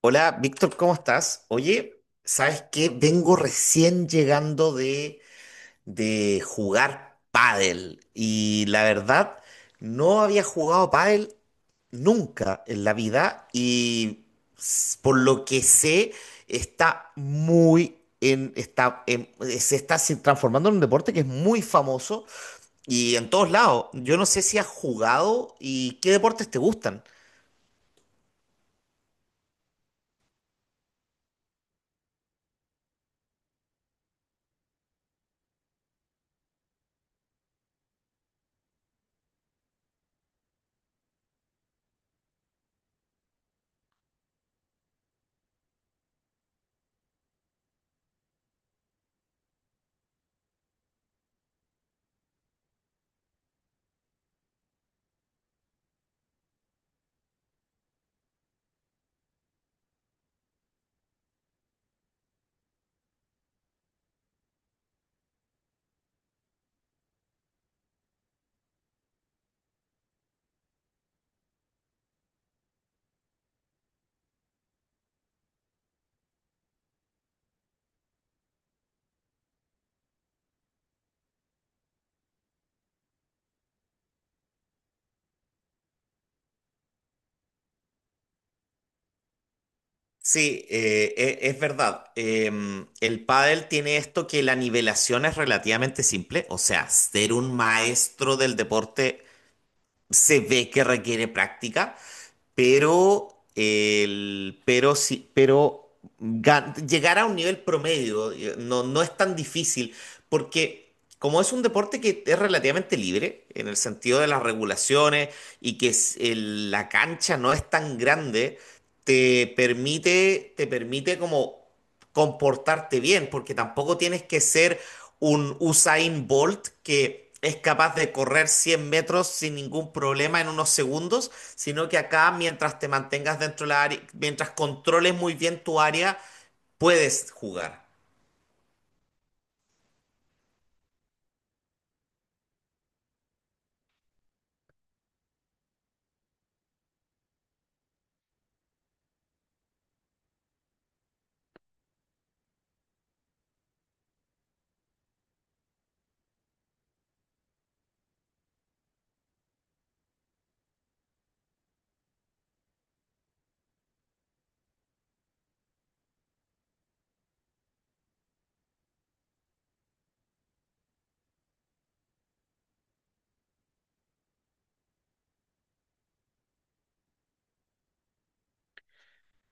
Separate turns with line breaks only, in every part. Hola, Víctor, ¿cómo estás? Oye, ¿sabes qué? Vengo recién llegando de jugar pádel y la verdad no había jugado pádel nunca en la vida y por lo que sé está muy en, se está transformando en un deporte que es muy famoso y en todos lados. Yo no sé si has jugado y qué deportes te gustan. Sí, es verdad. El pádel tiene esto que la nivelación es relativamente simple, o sea, ser un maestro del deporte se ve que requiere práctica, pero, el, pero, sí, pero gan- llegar a un nivel promedio, no es tan difícil, porque como es un deporte que es relativamente libre en el sentido de las regulaciones y que es la cancha no es tan grande, te permite como comportarte bien, porque tampoco tienes que ser un Usain Bolt, que es capaz de correr 100 metros sin ningún problema en unos segundos, sino que acá mientras te mantengas dentro de la área, mientras controles muy bien tu área, puedes jugar.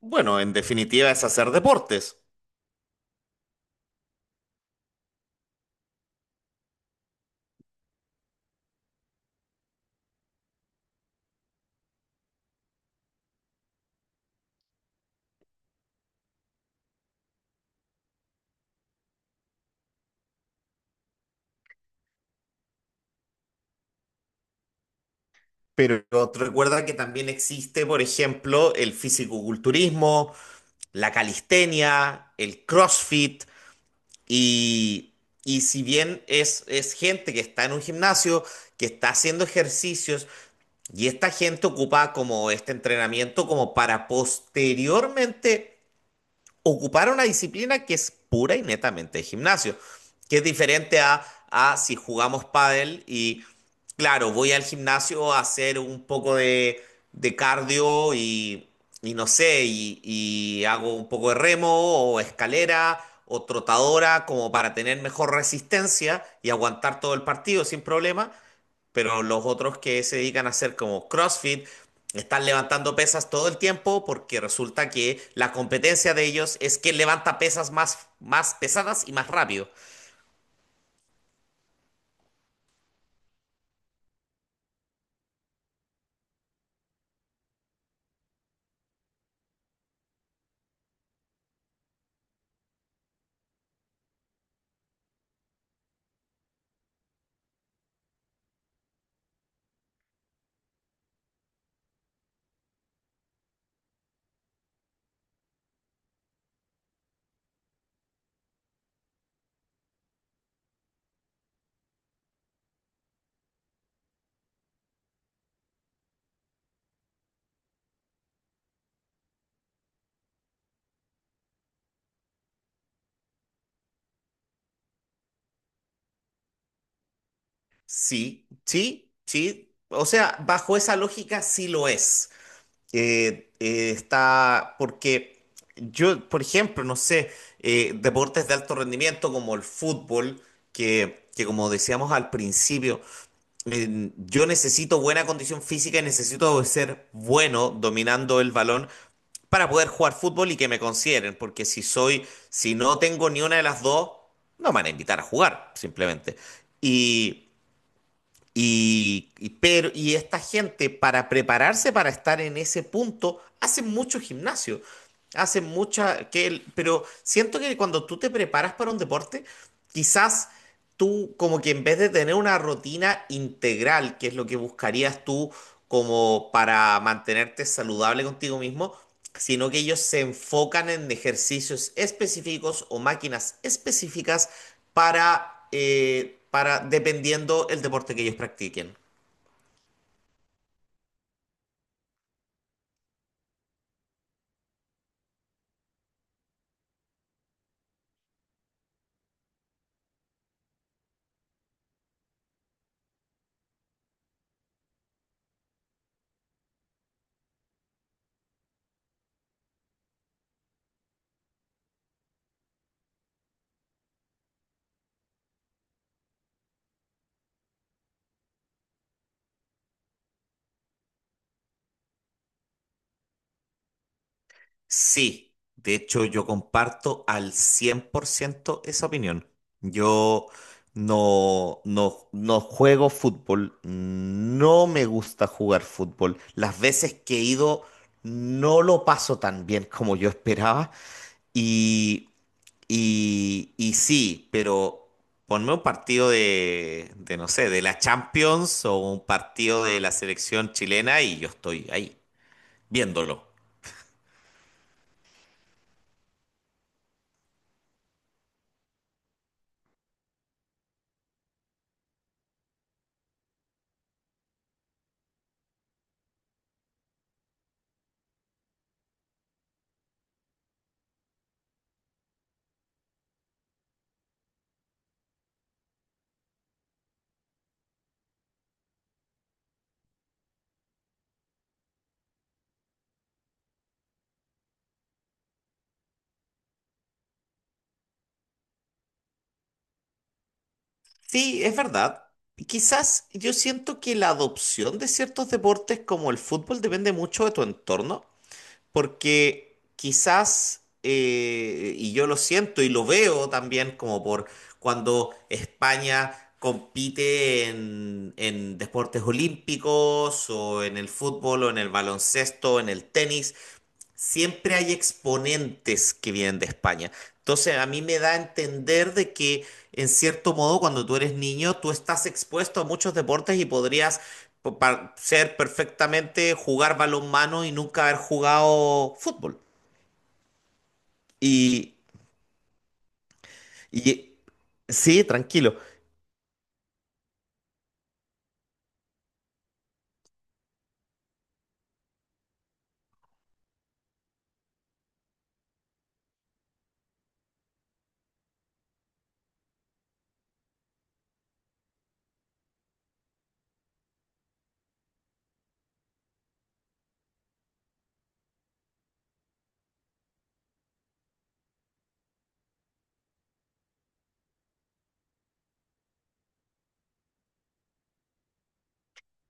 Bueno, en definitiva es hacer deportes. Pero recuerda que también existe, por ejemplo, el fisicoculturismo, la calistenia, el CrossFit, y, y si bien es gente que está en un gimnasio, que está haciendo ejercicios, y esta gente ocupaba como este entrenamiento como para posteriormente ocupar una disciplina que es pura y netamente de gimnasio, que es diferente a, si jugamos pádel y claro, voy al gimnasio a hacer un poco de cardio y no sé, y hago un poco de remo o escalera o trotadora como para tener mejor resistencia y aguantar todo el partido sin problema, pero los otros que se dedican a hacer como CrossFit están levantando pesas todo el tiempo, porque resulta que la competencia de ellos es que levanta pesas más, más pesadas y más rápido. Sí, sí, sí. O sea, bajo esa lógica sí lo es. Está porque yo, por ejemplo, no sé, deportes de alto rendimiento como el fútbol, que como decíamos al principio, yo necesito buena condición física y necesito ser bueno dominando el balón para poder jugar fútbol y que me consideren, porque si no tengo ni una de las dos, no me van a invitar a jugar, simplemente. Y, y esta gente, para prepararse para estar en ese punto, hace mucho gimnasio. Hace mucha. Pero siento que cuando tú te preparas para un deporte, quizás tú, como que en vez de tener una rutina integral, que es lo que buscarías tú como para mantenerte saludable contigo mismo, sino que ellos se enfocan en ejercicios específicos o máquinas específicas para dependiendo el deporte que ellos practiquen. Sí, de hecho yo comparto al 100% esa opinión. Yo no juego fútbol, no me gusta jugar fútbol. Las veces que he ido no lo paso tan bien como yo esperaba y... Y sí, pero ponme un partido no sé, de la Champions o un partido de la selección chilena y yo estoy ahí, viéndolo. Sí, es verdad. Quizás yo siento que la adopción de ciertos deportes como el fútbol depende mucho de tu entorno, porque quizás, y yo lo siento y lo veo también como por cuando España compite en deportes olímpicos o en el fútbol o en el baloncesto, en el tenis, siempre hay exponentes que vienen de España. Entonces, a mí me da a entender de que, en cierto modo, cuando tú eres niño, tú estás expuesto a muchos deportes y podrías ser perfectamente jugar balonmano y nunca haber jugado fútbol. Y, y sí, tranquilo.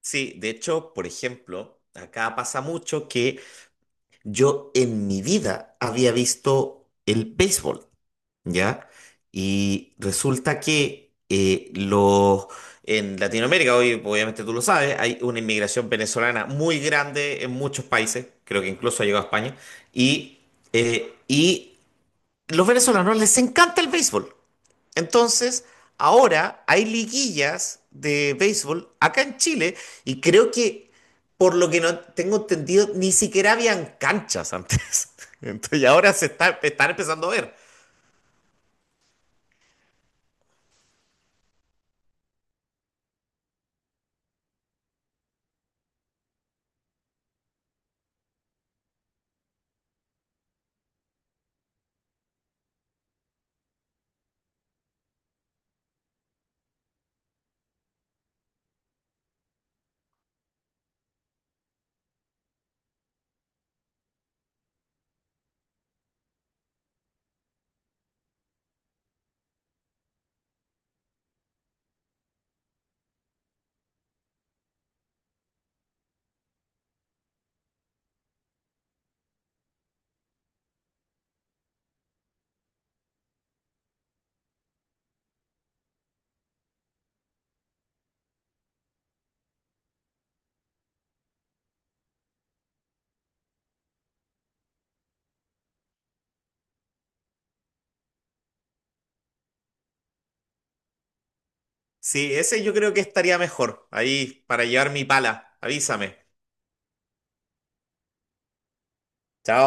Sí, de hecho, por ejemplo, acá pasa mucho que yo en mi vida había visto el béisbol. ¿Ya? Y resulta que en Latinoamérica, hoy obviamente tú lo sabes, hay una inmigración venezolana muy grande en muchos países, creo que incluso ha llegado a España, y, y los venezolanos les encanta el béisbol. Entonces, ahora hay liguillas de béisbol acá en Chile y creo que... Por lo que no tengo entendido, ni siquiera habían canchas antes. Entonces, y ahora están empezando a ver. Sí, ese yo creo que estaría mejor. Ahí, para llevar mi pala. Avísame. Chao.